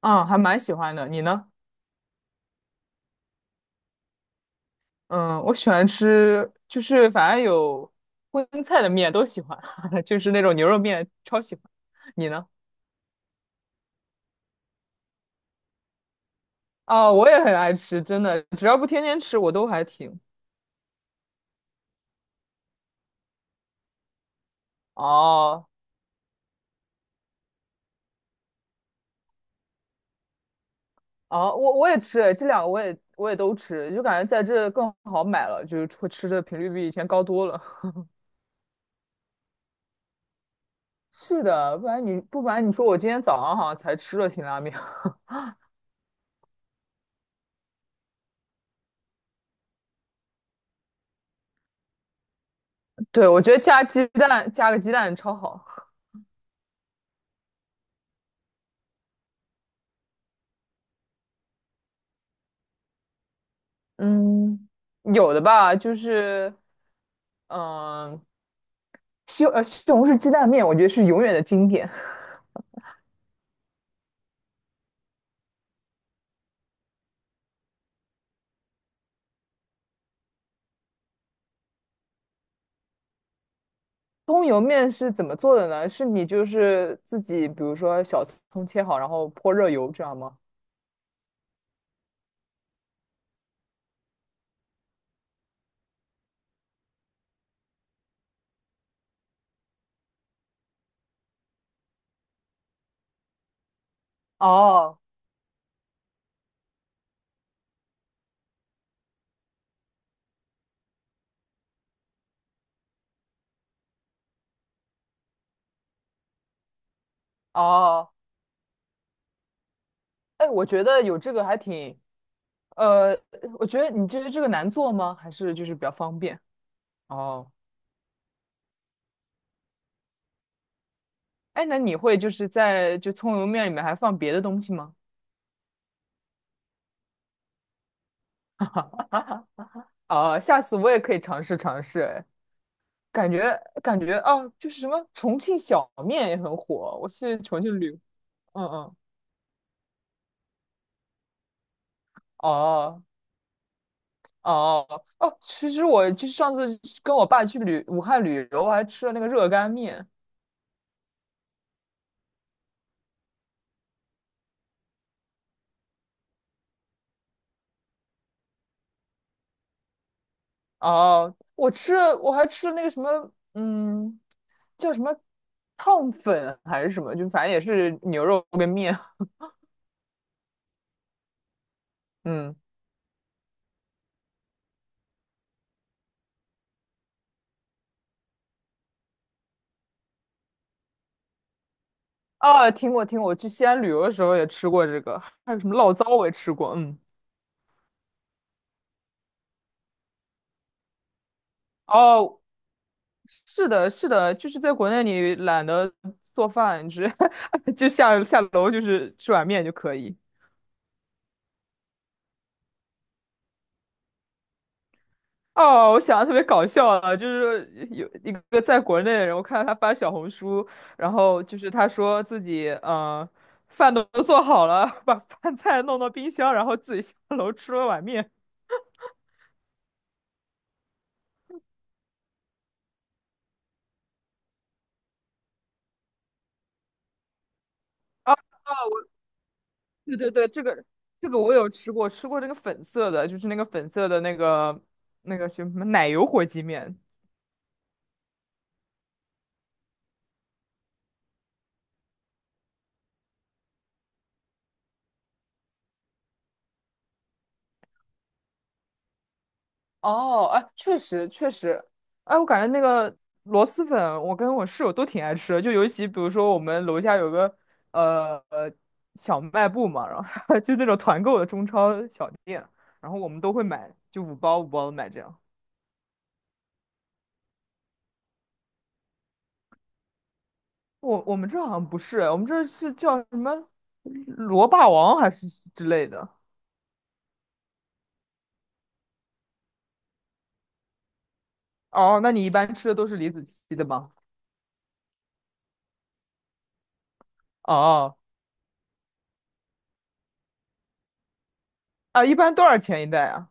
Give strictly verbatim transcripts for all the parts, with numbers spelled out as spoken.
嗯，还蛮喜欢的。你呢？嗯，我喜欢吃，就是反正有荤菜的面都喜欢，就是那种牛肉面超喜欢。你呢？啊，我也很爱吃，真的，只要不天天吃，我都还挺。哦哦，我我也吃，这两个我也我也都吃，就感觉在这更好买了，就是会吃的频率比以前高多了。是的，不然你不瞒你说我今天早上好像才吃了辛拉面。对，我觉得加鸡蛋加个鸡蛋超好。嗯。有的吧，就是嗯，西呃西红柿鸡蛋面，我觉得是永远的经典。葱油面是怎么做的呢？是你就是自己，比如说小葱切好，然后泼热油，这样吗？哦哦，哎，我觉得有这个还挺，呃，我觉得你觉得这个难做吗？还是就是比较方便？哦，哎，那你会就是在就葱油面里面还放别的东西吗？啊，下次我也可以尝试尝试。哎感觉感觉啊，就是什么重庆小面也很火，我是重庆旅。嗯嗯，哦哦哦，其实我就是上次跟我爸去旅武汉旅游，我还吃了那个热干面。哦，我吃了，我还吃了那个什么，嗯，叫什么烫粉还是什么，就反正也是牛肉跟面。嗯，啊，听过听过，我去西安旅游的时候也吃过这个，还有什么醪糟我也吃过。嗯，哦，是的，是的，就是在国内你懒得做饭，只 就下下楼就是吃碗面就可以。哦，我想的特别搞笑啊，就是有一个在国内的人，我看到他发小红书，然后就是他说自己呃饭都做好了，把饭菜弄到冰箱，然后自己下楼吃了碗面。啊，对对对，这个这个我有吃过，吃过这个粉色的，就是那个粉色的那个那个什么奶油火鸡面。哦，哎，确实确实，哎，我感觉那个螺蛳粉，我跟我室友都挺爱吃的，就尤其比如说我们楼下有个呃呃小卖部嘛，然后 就那种团购的中超小店，然后我们都会买，就五包五包的买这样。我我们这好像不是，我们这是叫什么螺霸王还是之类的。哦，那你一般吃的都是李子柒的吗？哦，啊，一般多少钱一袋啊？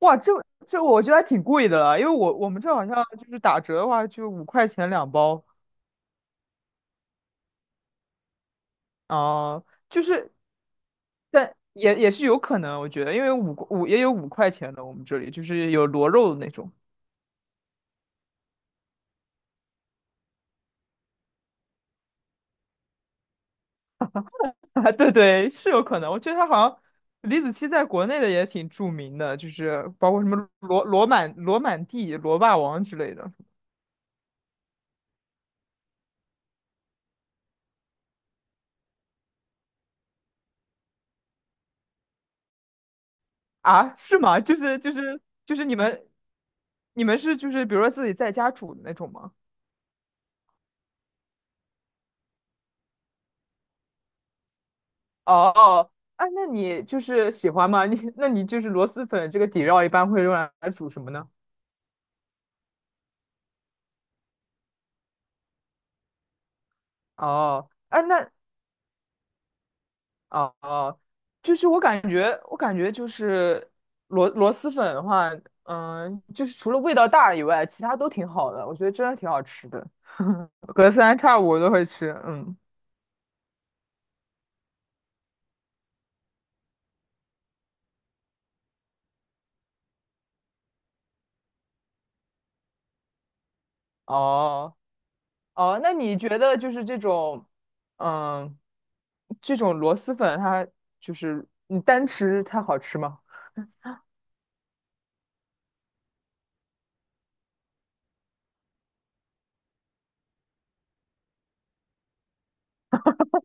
哇，这这我觉得还挺贵的了，因为我我们这好像就是打折的话，就五块钱两包啊、就是但也也是有可能，我觉得，因为五五也有五块钱的，我们这里就是有螺肉的那种 啊对对，是有可能。我觉得它好像李子柒在国内的也挺著名的，就是包括什么罗罗满罗满地、罗霸王之类的啊，是吗？就是就是就是你们你们是就是比如说自己在家煮的那种吗？哦，哦，哎，那你就是喜欢吗？你那你就是螺蛳粉这个底料一般会用来煮什么呢？哦，哎，那哦哦，就是我感觉，我感觉就是螺螺蛳粉的话，嗯，就是除了味道大以外，其他都挺好的，我觉得真的挺好吃的，隔三差五都会吃。嗯，哦哦，那你觉得就是这种，嗯，这种螺蛳粉它就是你单吃它好吃吗？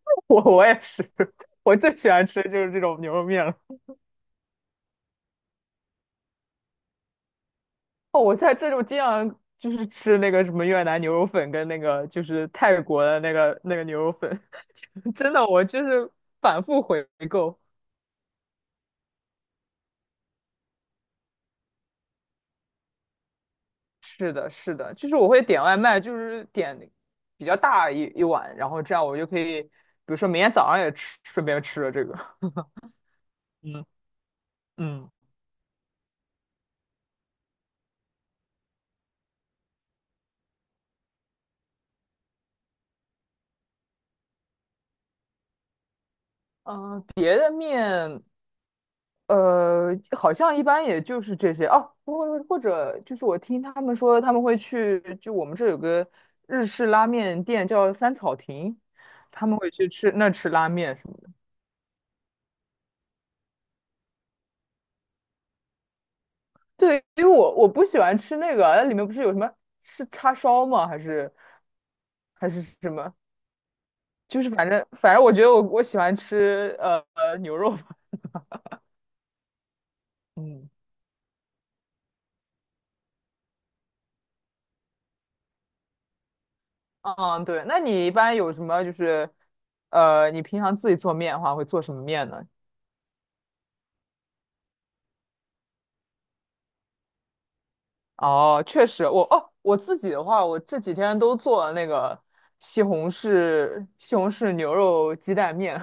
我我也是，我最喜欢吃的就是这种牛肉面了。哦，我在这种经常就是吃那个什么越南牛肉粉跟那个就是泰国的那个那个牛肉粉，真的我就是反复回购。是的，是的，就是我会点外卖，就是点比较大一一碗，然后这样我就可以，比如说明天早上也吃，顺便吃了这个。嗯嗯。嗯，呃别的面。呃，好像一般也就是这些哦，或或者就是我听他们说他们会去，就我们这有个日式拉面店叫三草亭，他们会去吃那吃拉面什么的。对，因为我我不喜欢吃那个啊，那里面不是有什么是叉烧吗？还是还是什么？就是反正反正我觉得我我喜欢吃呃呃牛肉吧。嗯嗯，对，那你一般有什么就是呃你平常自己做面的话会做什么面呢？哦，确实，我哦，我自己的话，我这几天都做了那个西红柿西红柿牛肉鸡蛋面，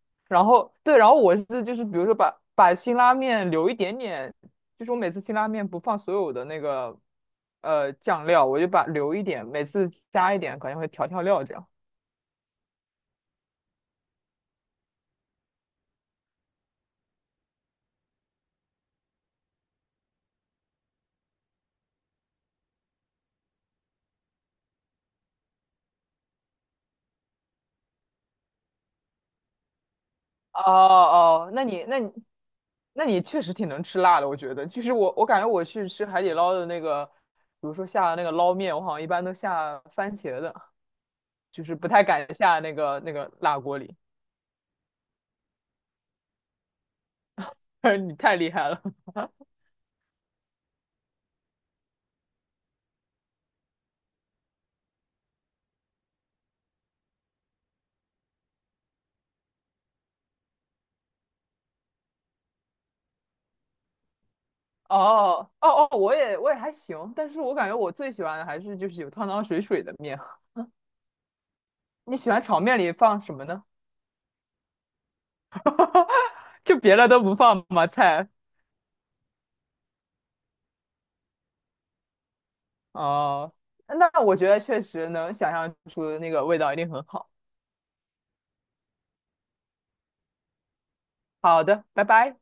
然后对，然后我是就是比如说把把辛拉面留一点点，就是我每次辛拉面不放所有的那个呃酱料，我就把留一点，每次加一点，可能会调调料这样。哦哦，那你那你那你确实挺能吃辣的，我觉得。就是我我感觉我去吃海底捞的那个，比如说下的那个捞面，我好像一般都下番茄的。就是不太敢下那个那个辣锅里。你太厉害了。哦哦哦，我也我也还行，但是我感觉我最喜欢的还是就是有汤汤水水的面。你喜欢炒面里放什么呢？就别的都不放吗？菜哦，那我觉得确实能想象出那个味道一定很好。好的，拜拜。